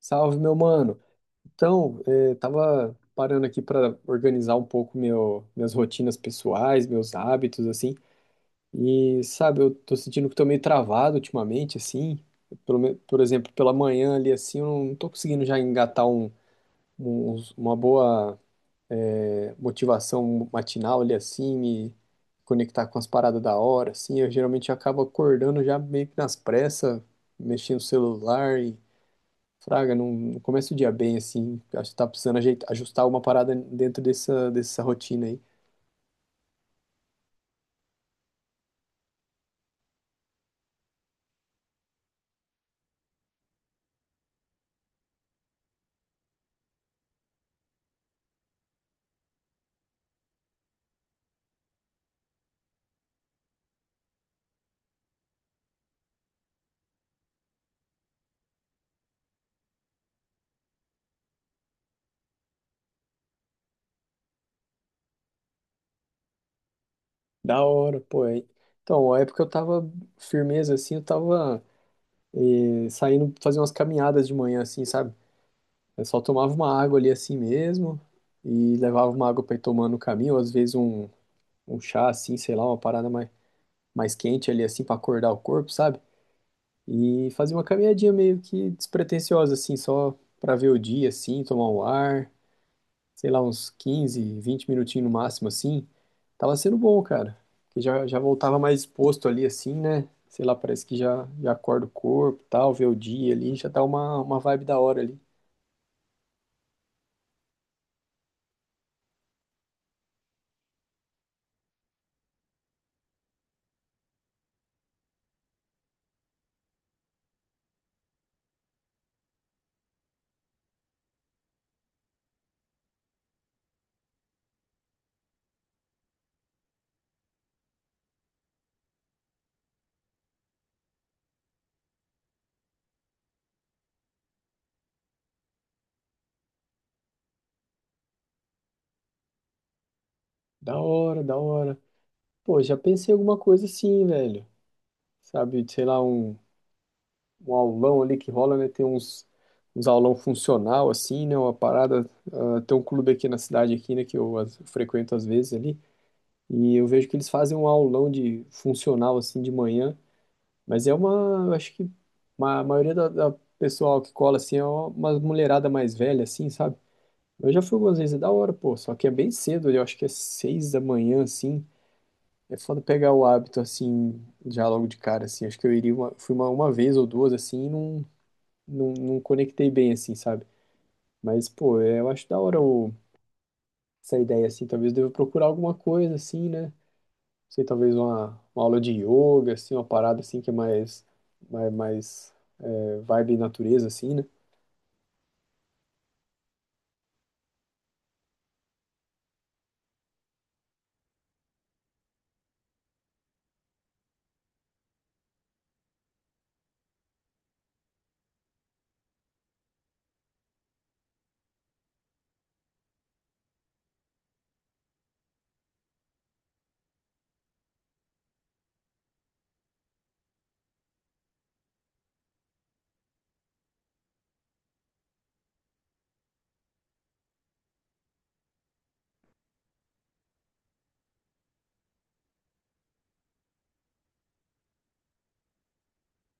Salve, meu mano. Então, tava parando aqui para organizar um pouco minhas rotinas pessoais, meus hábitos, assim. E, sabe, eu tô sentindo que tô meio travado ultimamente, assim. Por exemplo, pela manhã ali, assim, eu não tô conseguindo já engatar uma boa, motivação matinal ali, assim, me conectar com as paradas da hora, assim. Eu geralmente acabo acordando já meio que nas pressas, mexendo no celular Fraga, não começa o dia bem assim. Acho que tá precisando ajeitar, ajustar alguma parada dentro dessa rotina aí. Da hora, pô. É. Então, a época eu tava firmeza assim, eu tava saindo fazer umas caminhadas de manhã assim, sabe? Eu só tomava uma água ali assim mesmo e levava uma água pra ir tomando no caminho, ou às vezes um chá assim, sei lá, uma parada mais, quente ali assim pra acordar o corpo, sabe? E fazia uma caminhadinha meio que despretensiosa assim, só pra ver o dia assim, tomar um ar. Sei lá, uns 15, 20 minutinhos no máximo, assim, tava sendo bom, cara. Porque já voltava mais exposto ali, assim, né? Sei lá, parece que já acorda o corpo, e tal, vê o dia ali, já dá uma vibe da hora ali. Da hora, da hora. Pô, já pensei em alguma coisa assim, velho. Sabe, sei lá, um aulão ali que rola, né? Tem uns aulão funcional, assim, né? Uma parada. Ah, tem um clube aqui na cidade, aqui, né? Que eu as- frequento às vezes ali. E eu vejo que eles fazem um aulão de funcional, assim, de manhã. Mas é uma, eu acho que a maioria da pessoal que cola assim é uma mulherada mais velha, assim, sabe? Eu já fui algumas vezes, é da hora, pô, só que é bem cedo, eu acho que é 6 da manhã, assim. É foda pegar o hábito, assim, já logo de cara, assim. Acho que eu iria uma, fui uma vez ou duas, assim, e não conectei bem, assim, sabe? Mas, pô, é, eu acho da hora essa ideia, assim. Talvez eu deva procurar alguma coisa, assim, né? Não sei, talvez uma, aula de yoga, assim, uma parada, assim, que é mais vibe natureza, assim, né?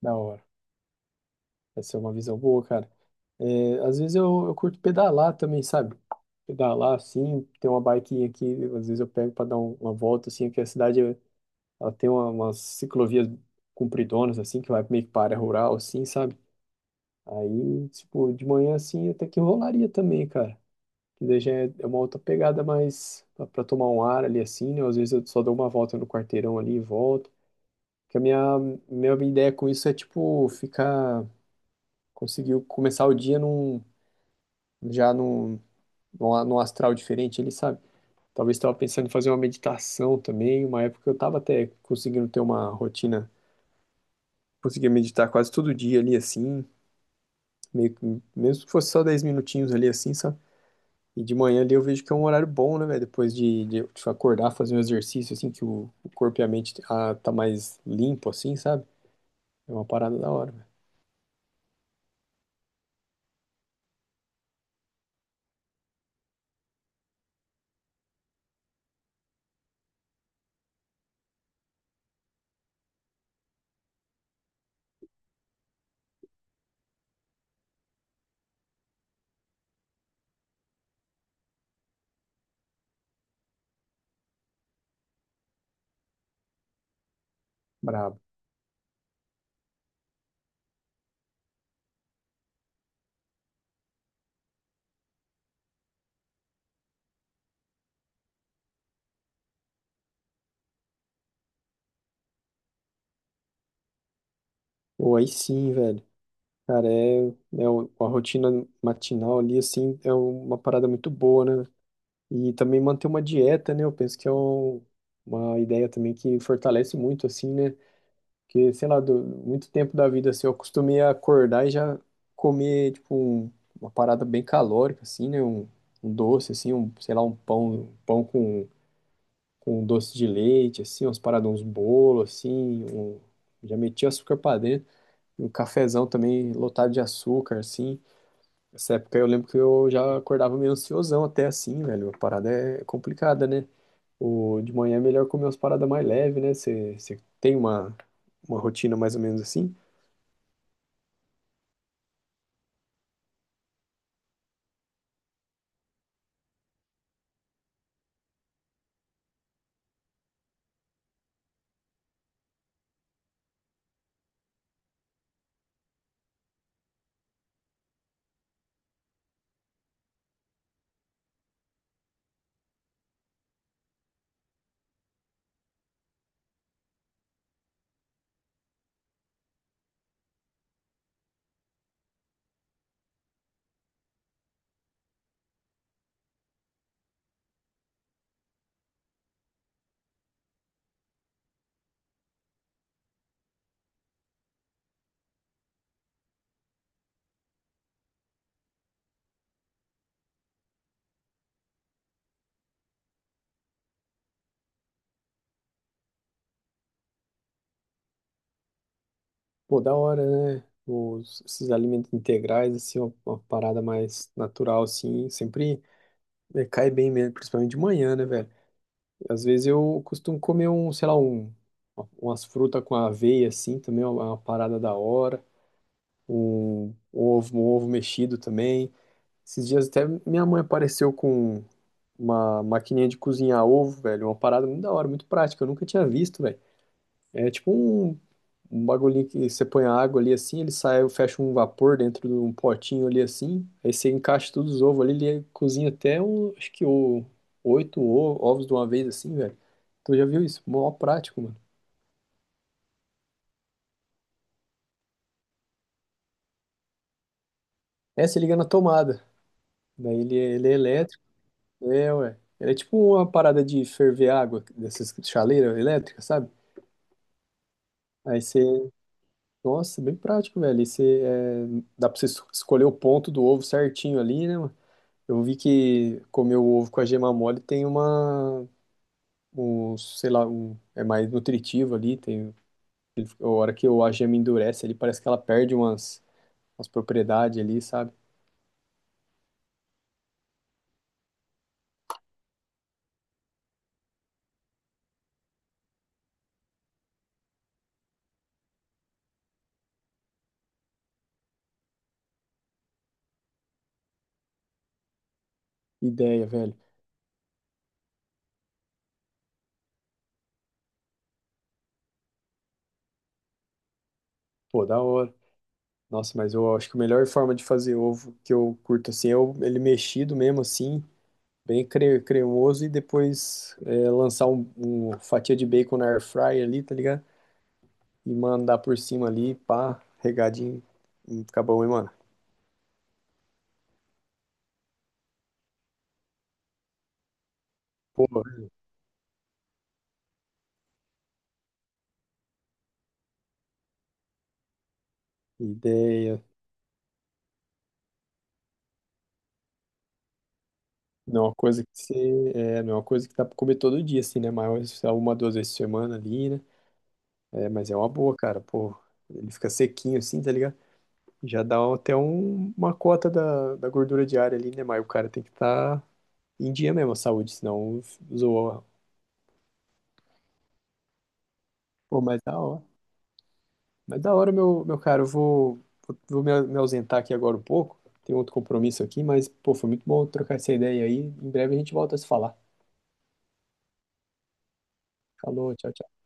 Da hora. Essa é uma visão boa, cara. É, às vezes eu curto pedalar também, sabe? Pedalar, assim, tem uma biquinha aqui, às vezes eu pego para dar uma volta, assim, que a cidade, ela tem umas ciclovias compridonas, assim, que vai meio que para a área rural, assim, sabe? Aí, tipo, de manhã, assim, até que rolaria também, cara. Que daí já é uma outra pegada mais para tomar um ar ali, assim, né? Às vezes eu só dou uma volta no quarteirão ali e volto. Que a minha ideia com isso é, tipo, ficar conseguiu começar o dia já num astral diferente, ele sabe. Talvez estava pensando em fazer uma meditação também, uma época eu estava até conseguindo ter uma rotina, conseguia meditar quase todo dia ali assim, meio que- mesmo que fosse só 10 minutinhos ali assim, sabe? E de manhã ali eu vejo que é um horário bom, né, velho? Depois de eu acordar, fazer um exercício assim, que o corpo e a mente tá mais limpo assim, sabe? É uma parada da hora, velho. Brabo. Pô, aí sim, velho. Cara, é a rotina matinal ali, assim, é uma parada muito boa, né? E também manter uma dieta, né? Eu penso que é uma ideia também que fortalece muito, assim, né? Porque, sei lá, muito tempo da vida, assim, eu acostumei a acordar e já comer, tipo, uma parada bem calórica, assim, né? Um doce, assim, um, sei lá, um pão com um doce de leite, assim, umas paradas, uns bolos, assim, um, já meti açúcar pra dentro, um cafezão também lotado de açúcar, assim essa época eu lembro que eu já acordava meio ansiosão até assim, velho. A parada é complicada, né? O, de manhã é melhor comer umas paradas mais leves, né? Você tem uma rotina mais ou menos assim. Pô, da hora, né? Esses alimentos integrais, assim, uma parada mais natural, assim, sempre é, cai bem mesmo, principalmente de manhã, né, velho? Às vezes eu costumo comer sei lá, umas frutas com aveia, assim, também é uma parada da hora. Um ovo, um ovo mexido também. Esses dias até minha mãe apareceu com uma maquininha de cozinhar ovo, velho. Uma parada muito da hora, muito prática. Eu nunca tinha visto, velho. É tipo um bagulhinho que você põe a água ali assim, ele sai, fecha um vapor dentro de um potinho ali assim. Aí você encaixa todos os ovos ali, ele cozinha até acho que oito ovos de uma vez assim, velho. Tu já viu isso? Mó prático, mano. É, você liga na tomada. Daí ele é elétrico. É, ué. Ele é tipo uma parada de ferver água dessas chaleiras elétricas, sabe? Aí você Nossa, bem prático, velho. E você, dá pra você escolher o ponto do ovo certinho ali, né, mano? Eu vi que comer o ovo com a gema mole tem sei lá, é mais nutritivo ali. Tem, a hora que a gema endurece ali, parece que ela perde umas, propriedades ali, sabe? Ideia, velho. Pô, da hora. Nossa, mas eu acho que a melhor forma de fazer ovo que eu curto assim é ele mexido mesmo assim, bem cremoso e depois lançar um fatia de bacon na air fryer ali, tá ligado? E mandar por cima ali, pá, regadinho, e fica bom, hein, mano? Pô, ideia. Não é uma coisa que você, é, não é uma coisa que dá pra comer todo dia, assim, né? Mas uma, duas vezes por semana ali, né? É, mas é uma boa, cara, pô. Ele fica sequinho assim, tá ligado? Já dá até uma cota da gordura diária ali, né? Mas o cara tem que estar em dia mesmo, a saúde, senão zoa. Pô, mas da hora. Mas da hora, meu cara, eu vou me ausentar aqui agora um pouco. Tem outro compromisso aqui, mas, pô, foi muito bom trocar essa ideia aí. Em breve a gente volta a se falar. Falou, tchau, tchau.